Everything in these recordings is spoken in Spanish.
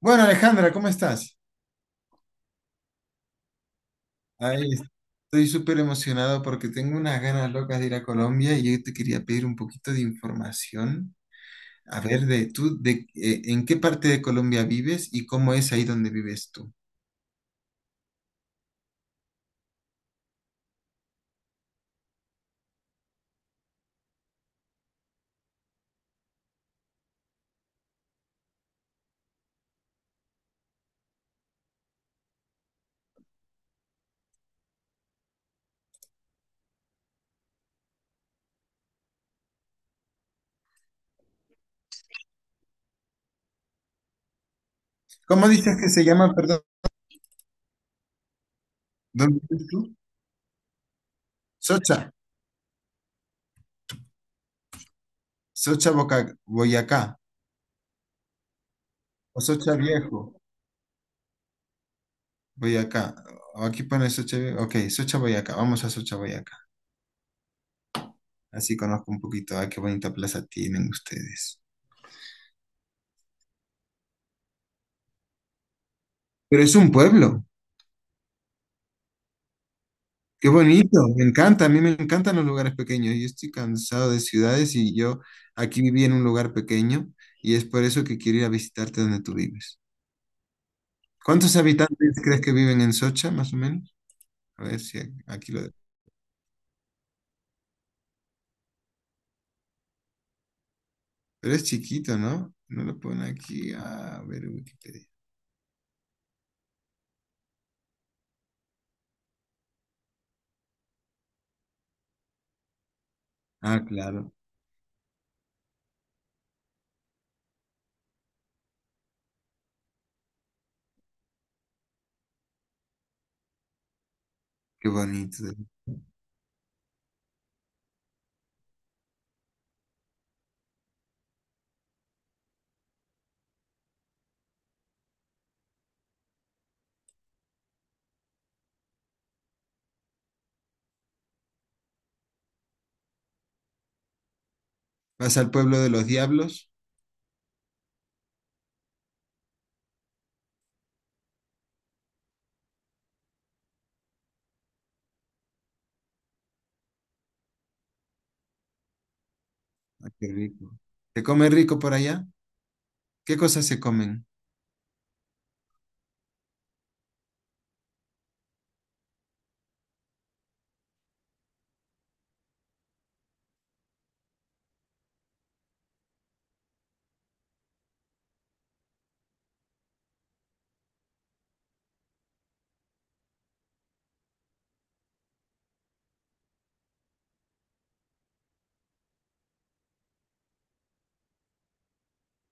Bueno, Alejandra, ¿cómo estás? Ahí es- Estoy súper emocionado porque tengo unas ganas locas de ir a Colombia y yo te quería pedir un poquito de información. A ver, de tú, de en qué parte de Colombia vives y cómo es ahí donde vives tú. ¿Cómo dices que se llama, perdón? ¿Dónde vives tú? Socha, Boyacá, o Socha Viejo, Boyacá. O aquí pone Socha Viejo, ok, Socha Boyacá, vamos a Socha Boyacá. Así conozco un poquito, ah, qué bonita plaza tienen ustedes. Pero es un pueblo. Qué bonito, me encanta, a mí me encantan los lugares pequeños. Yo estoy cansado de ciudades y yo aquí viví en un lugar pequeño y es por eso que quiero ir a visitarte donde tú vives. ¿Cuántos habitantes crees que viven en Socha, más o menos? A ver si aquí lo... Pero es chiquito, ¿no? No lo pone aquí. A ver, Wikipedia. Ah, claro, qué bonito. ¿Vas al pueblo de los diablos? Ah, qué rico. ¿Se come rico por allá? ¿Qué cosas se comen?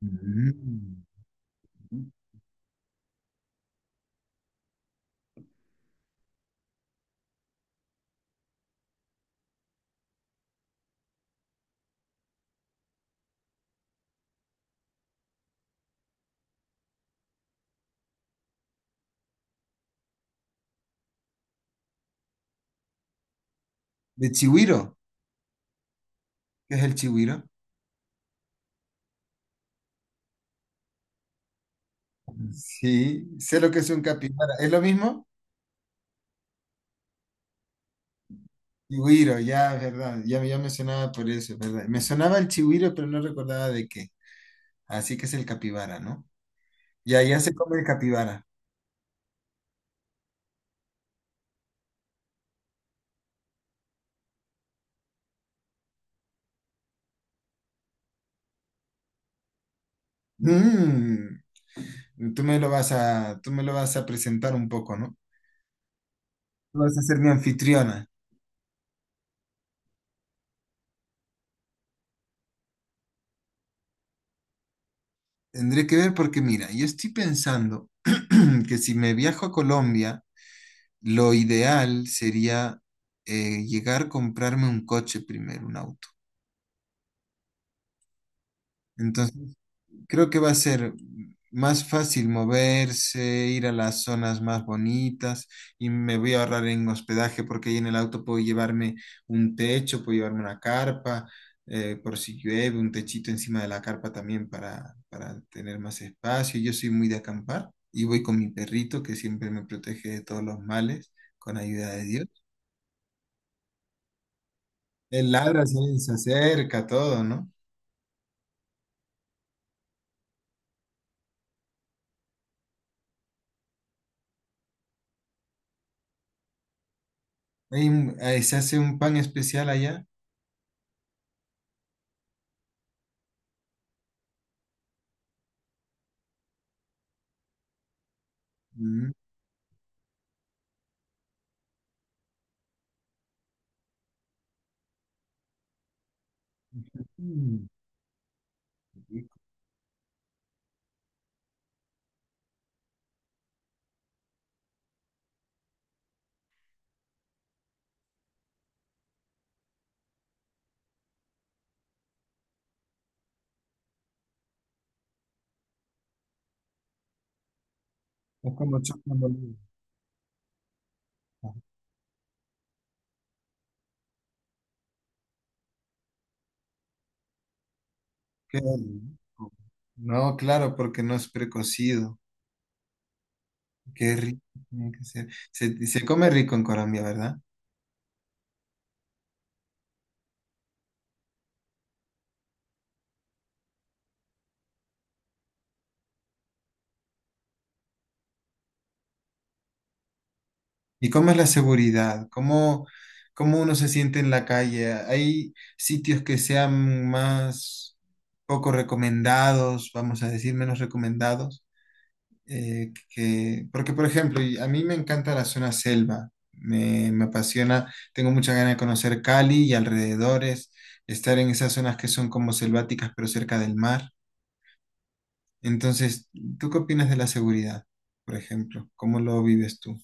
Mm. ¿De chigüiro? ¿Qué es el chigüiro? Sí, sé lo que es un capibara. ¿Es lo mismo? Chigüiro, ya, verdad. Ya, ya me sonaba por eso, ¿verdad? Me sonaba el chigüiro, pero no recordaba de qué. Así que es el capibara, ¿no? Ya, ya se come el capibara. Mm, tú me lo vas a presentar un poco, ¿no? Tú vas a ser mi anfitriona. Tendré que ver porque, mira, yo estoy pensando que si me viajo a Colombia, lo ideal sería llegar a comprarme un coche primero, un auto. Entonces, creo que va a ser más fácil moverse, ir a las zonas más bonitas y me voy a ahorrar en hospedaje porque ahí en el auto puedo llevarme un techo, puedo llevarme una carpa, por si llueve, un techito encima de la carpa también para tener más espacio. Yo soy muy de acampar y voy con mi perrito que siempre me protege de todos los males con ayuda de Dios. Él ladra, se acerca, todo, ¿no? Se hace un pan especial allá. Mm. Es como chocando el- Qué rico. No, claro, porque no es precocido. Qué rico tiene que ser. Se come rico en Colombia, ¿verdad? ¿Y cómo es la seguridad? ¿Cómo uno se siente en la calle? ¿Hay sitios que sean más poco recomendados, vamos a decir, menos recomendados? Porque, por ejemplo, y a mí me encanta la zona selva, me apasiona, tengo mucha ganas de conocer Cali y alrededores, estar en esas zonas que son como selváticas, pero cerca del mar. Entonces, ¿tú qué opinas de la seguridad, por ejemplo? ¿Cómo lo vives tú?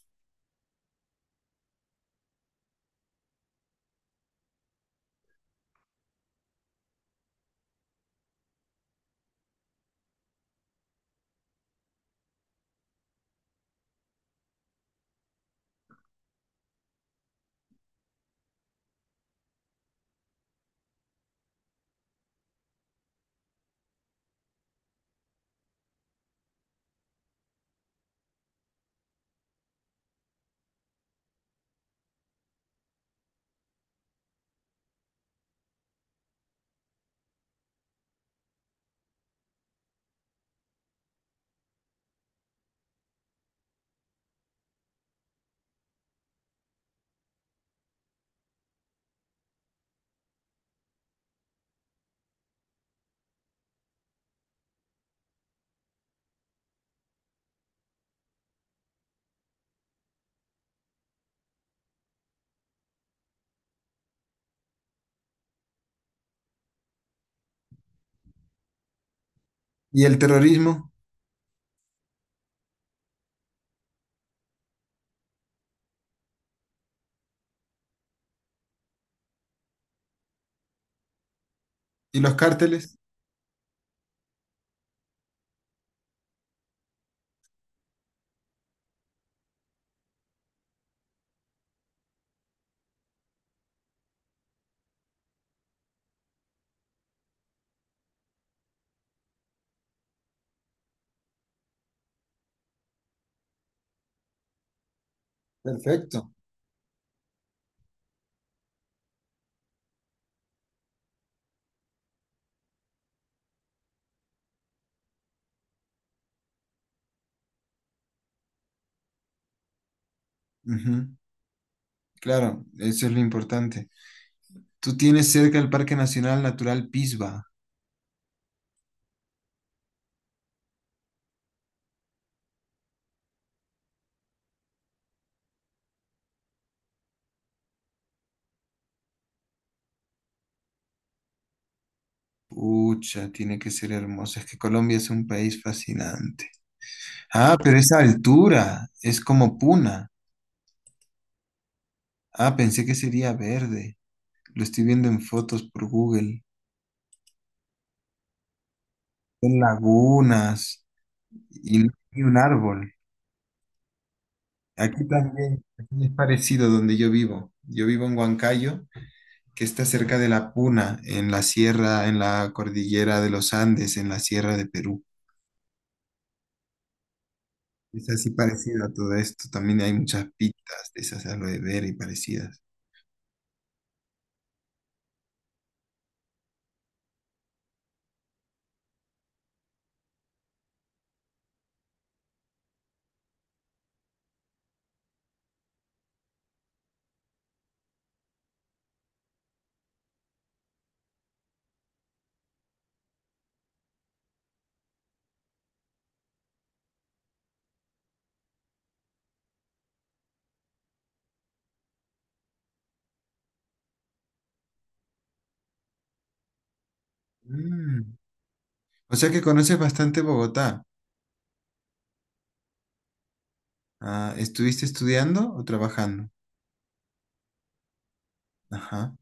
¿Y el terrorismo? ¿Y los cárteles? Perfecto. Ujú, claro, eso es lo importante. Tú tienes cerca el Parque Nacional Natural Pisba. Pucha, tiene que ser hermoso. Es que Colombia es un país fascinante. Ah, pero esa altura es como Puna. Ah, pensé que sería verde. Lo estoy viendo en fotos por Google. Son lagunas y no hay un árbol. Aquí también aquí es parecido donde yo vivo. Yo vivo en Huancayo, que está cerca de la Puna, en la sierra, en la cordillera de los Andes, en la sierra de Perú. Es así parecido a todo esto. También hay muchas pitas de esas aloe vera y parecidas. Mm. O sea que conoces bastante Bogotá. Ah, ¿estuviste estudiando o trabajando? Ajá.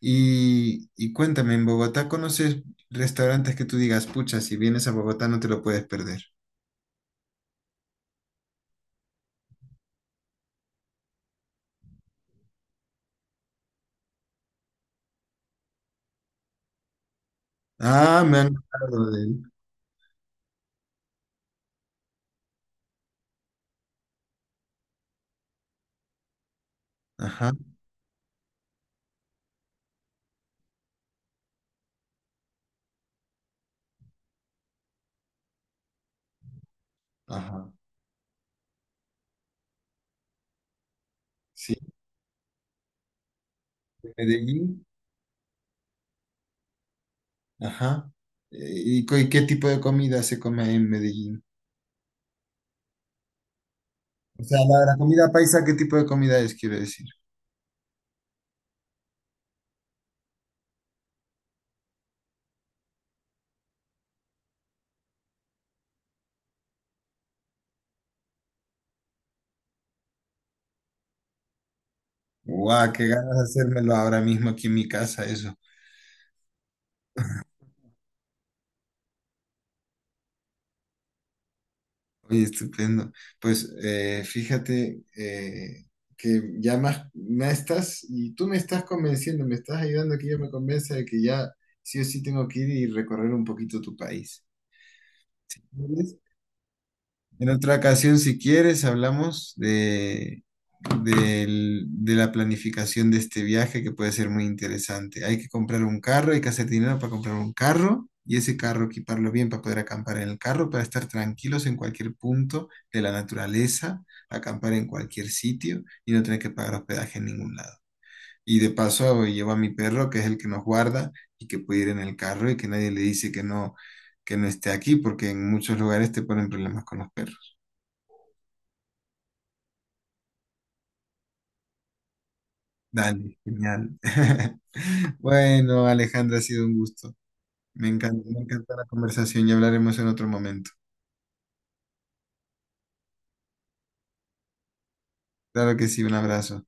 Y cuéntame, ¿en Bogotá conoces restaurantes que tú digas, pucha, si vienes a Bogotá no te lo puedes perder? Ah, me han hablado de él. Ajá, ajá. Sí, de Medellín. Ajá. ¿Y, y qué tipo de comida se come en Medellín? O sea, la comida paisa, ¿qué tipo de comida es, quiero decir? Guau, qué ganas de hacérmelo ahora mismo aquí en mi casa, eso. Oye, estupendo. Pues fíjate que ya más me estás, y tú me estás convenciendo, me estás ayudando a que yo me convenza de que ya sí o sí tengo que ir y recorrer un poquito tu país. En otra ocasión, si quieres, hablamos de la planificación de este viaje que puede ser muy interesante. Hay que comprar un carro, hay que hacer dinero para comprar un carro y ese carro equiparlo bien para poder acampar en el carro, para estar tranquilos en cualquier punto de la naturaleza, acampar en cualquier sitio y no tener que pagar hospedaje en ningún lado. Y de paso llevo a mi perro, que es el que nos guarda y que puede ir en el carro y que nadie le dice que no esté aquí, porque en muchos lugares te ponen problemas con los perros. Dale, genial. Bueno, Alejandra, ha sido un gusto. Me encanta la conversación y hablaremos en otro momento. Claro que sí, un abrazo.